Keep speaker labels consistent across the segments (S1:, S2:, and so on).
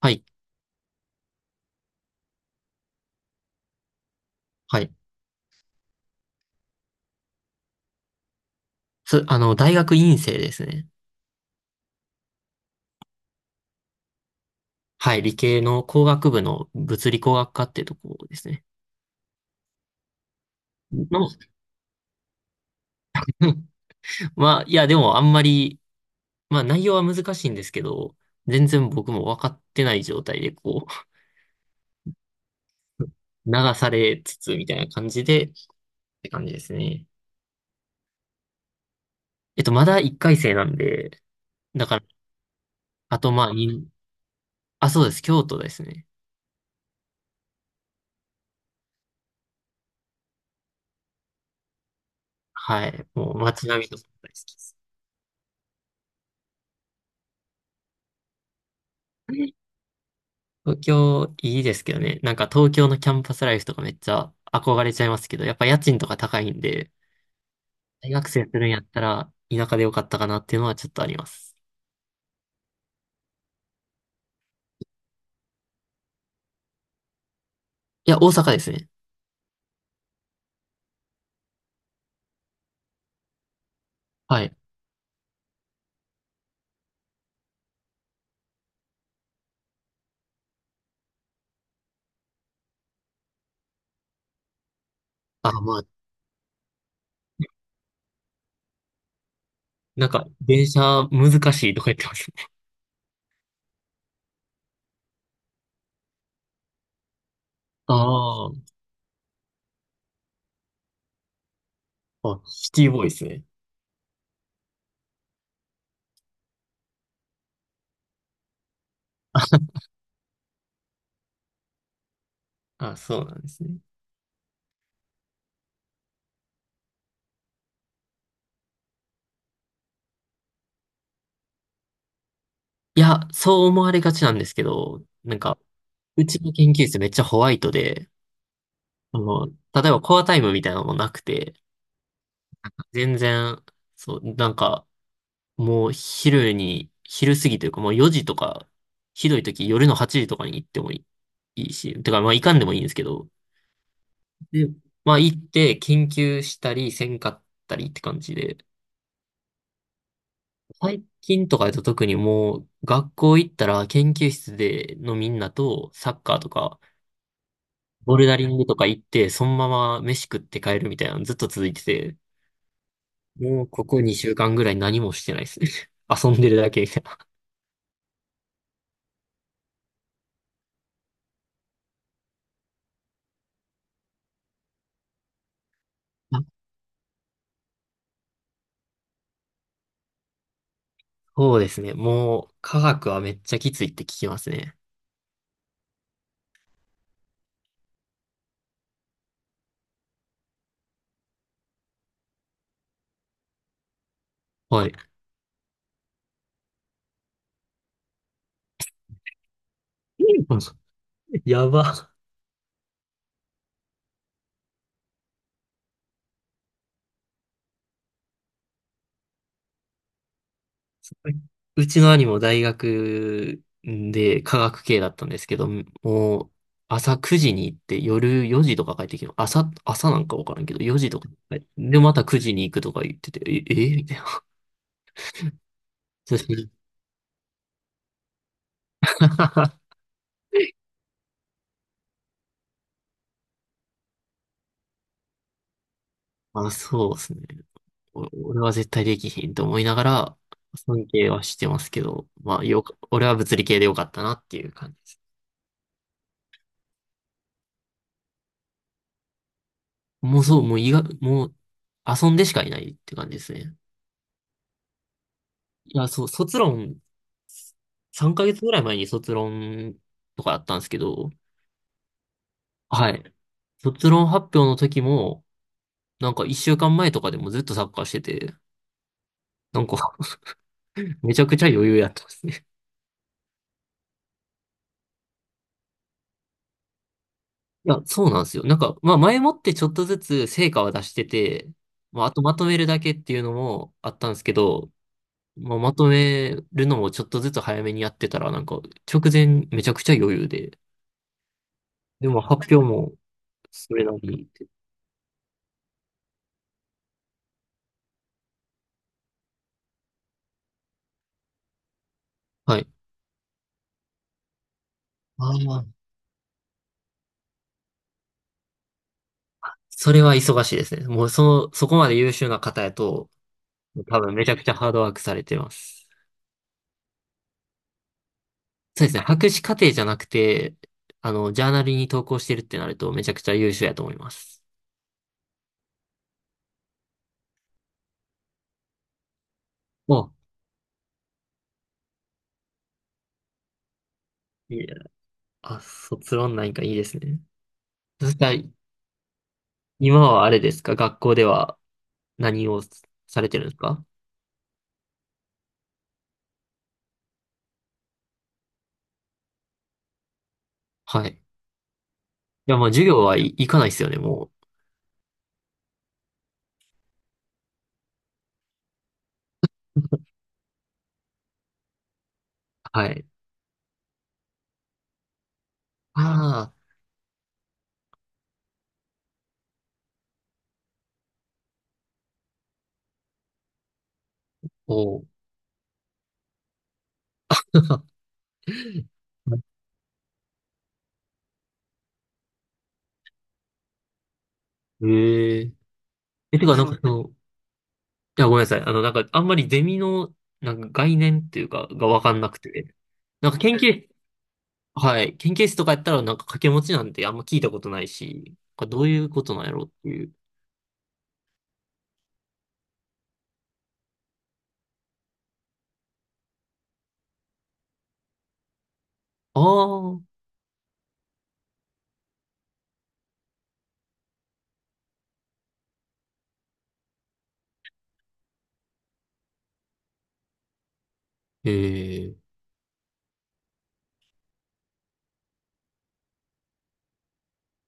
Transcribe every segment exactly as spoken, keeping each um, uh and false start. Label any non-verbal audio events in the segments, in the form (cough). S1: はい。はい。つ、あの、大学院生ですね。はい。理系の工学部の物理工学科ってとこですね。の、(laughs) まあ、いや、でもあんまり、まあ内容は難しいんですけど、全然僕も分かってない状態でこう、(laughs) 流されつつみたいな感じで、って感じですね。えっと、まだいっかい生なんで、だから、あとまあ、にあ、そうです。京都ですね。はい。もう街並みとか大好きです。東京いいですけどね。なんか東京のキャンパスライフとかめっちゃ憧れちゃいますけど、やっぱ家賃とか高いんで、大学生するんやったら田舎でよかったかなっていうのはちょっとあります。いや、大阪ですね。はい。あ、まあ、なんか電車難しいとか言ってますね。ああ、あ、シティボーイですね。あ、そうなんですね。いや、そう思われがちなんですけど、なんか、うちの研究室めっちゃホワイトで、あの、例えばコアタイムみたいなのもなくて、全然、そう、なんか、もう昼に、昼過ぎというかもうよじとか、ひどい時夜のはちじとかに行ってもいい、いいし、てかまあ行かんでもいいんですけど、で、まあ行って研究したりせんかったりって感じで、最近とかだと特にもう学校行ったら研究室でのみんなとサッカーとか、ボルダリングとか行って、そのまま飯食って帰るみたいなのずっと続いてて、もうここにしゅうかんぐらい何もしてないですね。(laughs) 遊んでるだけみたいな。そうですね。もう、科学はめっちゃきついって聞きますね。はい。(laughs) やば。(laughs) うちの兄も大学で科学系だったんですけど、もう朝くじに行って夜よじとか帰ってきて、朝、朝なんかわからんけど、よじとか帰って。で、またくじに行くとか言ってて、え、えみたいな。(laughs) あ、そうですね。お俺は絶対できひんと思いながら、尊敬はしてますけど、まあ、よか、俺は物理系でよかったなっていう感じ。もうそう、もう医学、もう遊んでしかいないって感じですね。いや、そう、卒論、さんかげつぐらい前に卒論とかあったんですけど、はい。卒論発表の時も、なんかいっしゅうかんまえとかでもずっとサッカーしてて、なんか (laughs) めちゃくちゃ余裕やってますね。いや、そうなんですよ。なんか、まあ前もってちょっとずつ成果は出してて、まああとまとめるだけっていうのもあったんですけど、まあまとめるのもちょっとずつ早めにやってたら、なんか直前めちゃくちゃ余裕で、でも発表もそれなりに。はい。ああ、それは忙しいですね。もうその、そこまで優秀な方やと、多分めちゃくちゃハードワークされてます。そうですね。博士課程じゃなくて、あの、ジャーナルに投稿してるってなるとめちゃくちゃ優秀やと思います。あ、いいねあ、卒論なんかいいですね。そしたら、今はあれですか、学校では何をされてるんですか？はい。いや、まあ授業はい、行かないですよね、もう。はい。ああ、おう。えええ、てか、なんそかう。その、いや、ごめんなさい。あの、なんか、あんまりゼミの、なんか概念っていうか、がわかんなくて。なんか研え、究、はい。研究室とかやったら、なんか掛け持ちなんてあんま聞いたことないし、なんかどういうことなんやろうっていう。ああ、ええ、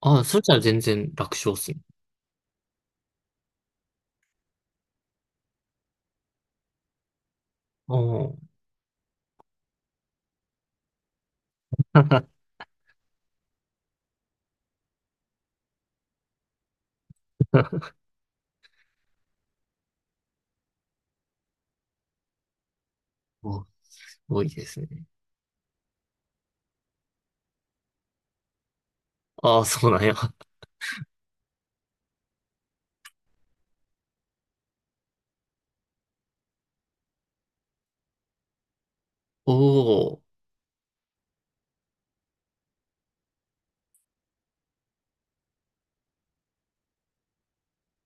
S1: ああ、それじゃ全然楽勝っすね。あーあ (laughs)、すごいですね。ああ、そうなんや。おお、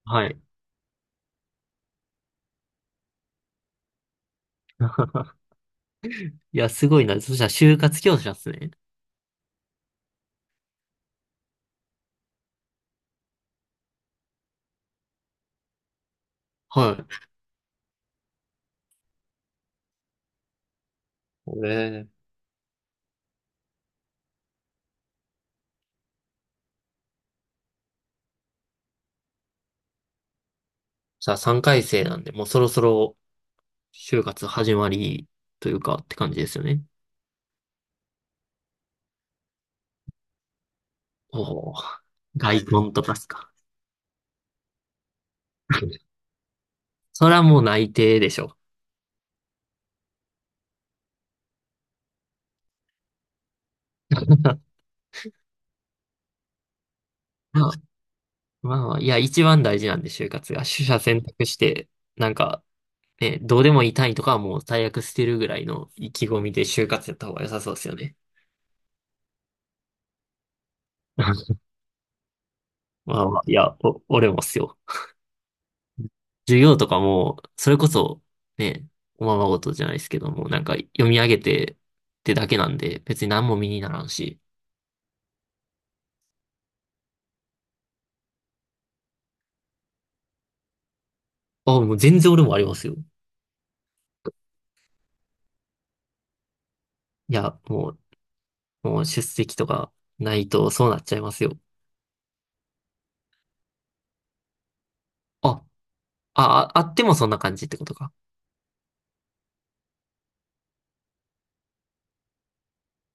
S1: はい。(laughs) いや、すごいな。そしたら、就活教師なんですね。はい。ええ、じゃあ、さんかい生なんで、もうそろそろ、就活始まりというかって感じですよね。おお、外婚とかっすか。(laughs) それはもう内定でしょ。まあ、まあ、いや、一番大事なんで、就活が。取捨選択して、なんか、ね、どうでもいい単位とかはもう最悪捨てるぐらいの意気込みで就活やった方が良さそうですよね。(laughs) まあまあ、いや、お、俺もっすよ。授業とかも、それこそ、ね、おままごとじゃないですけども、なんか読み上げてってだけなんで、別に何も身にならんし。あ、もう全然俺もありますよ。いや、もう、もう出席とかないとそうなっちゃいますよ。あ、あ、ああってもそんな感じってことか。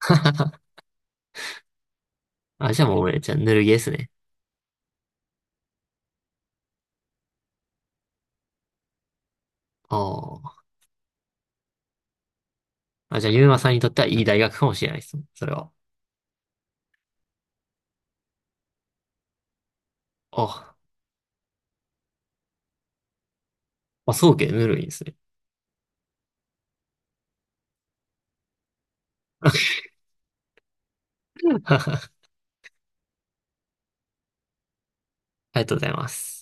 S1: (laughs) あ、じゃあもう俺、じゃあぬるゲーですね。ああ。あ、じゃあゆうまさんにとってはいい大学かもしれないです。それは。あ、あ、そうけ、ぬるいですね。(laughs) ありがとうございます。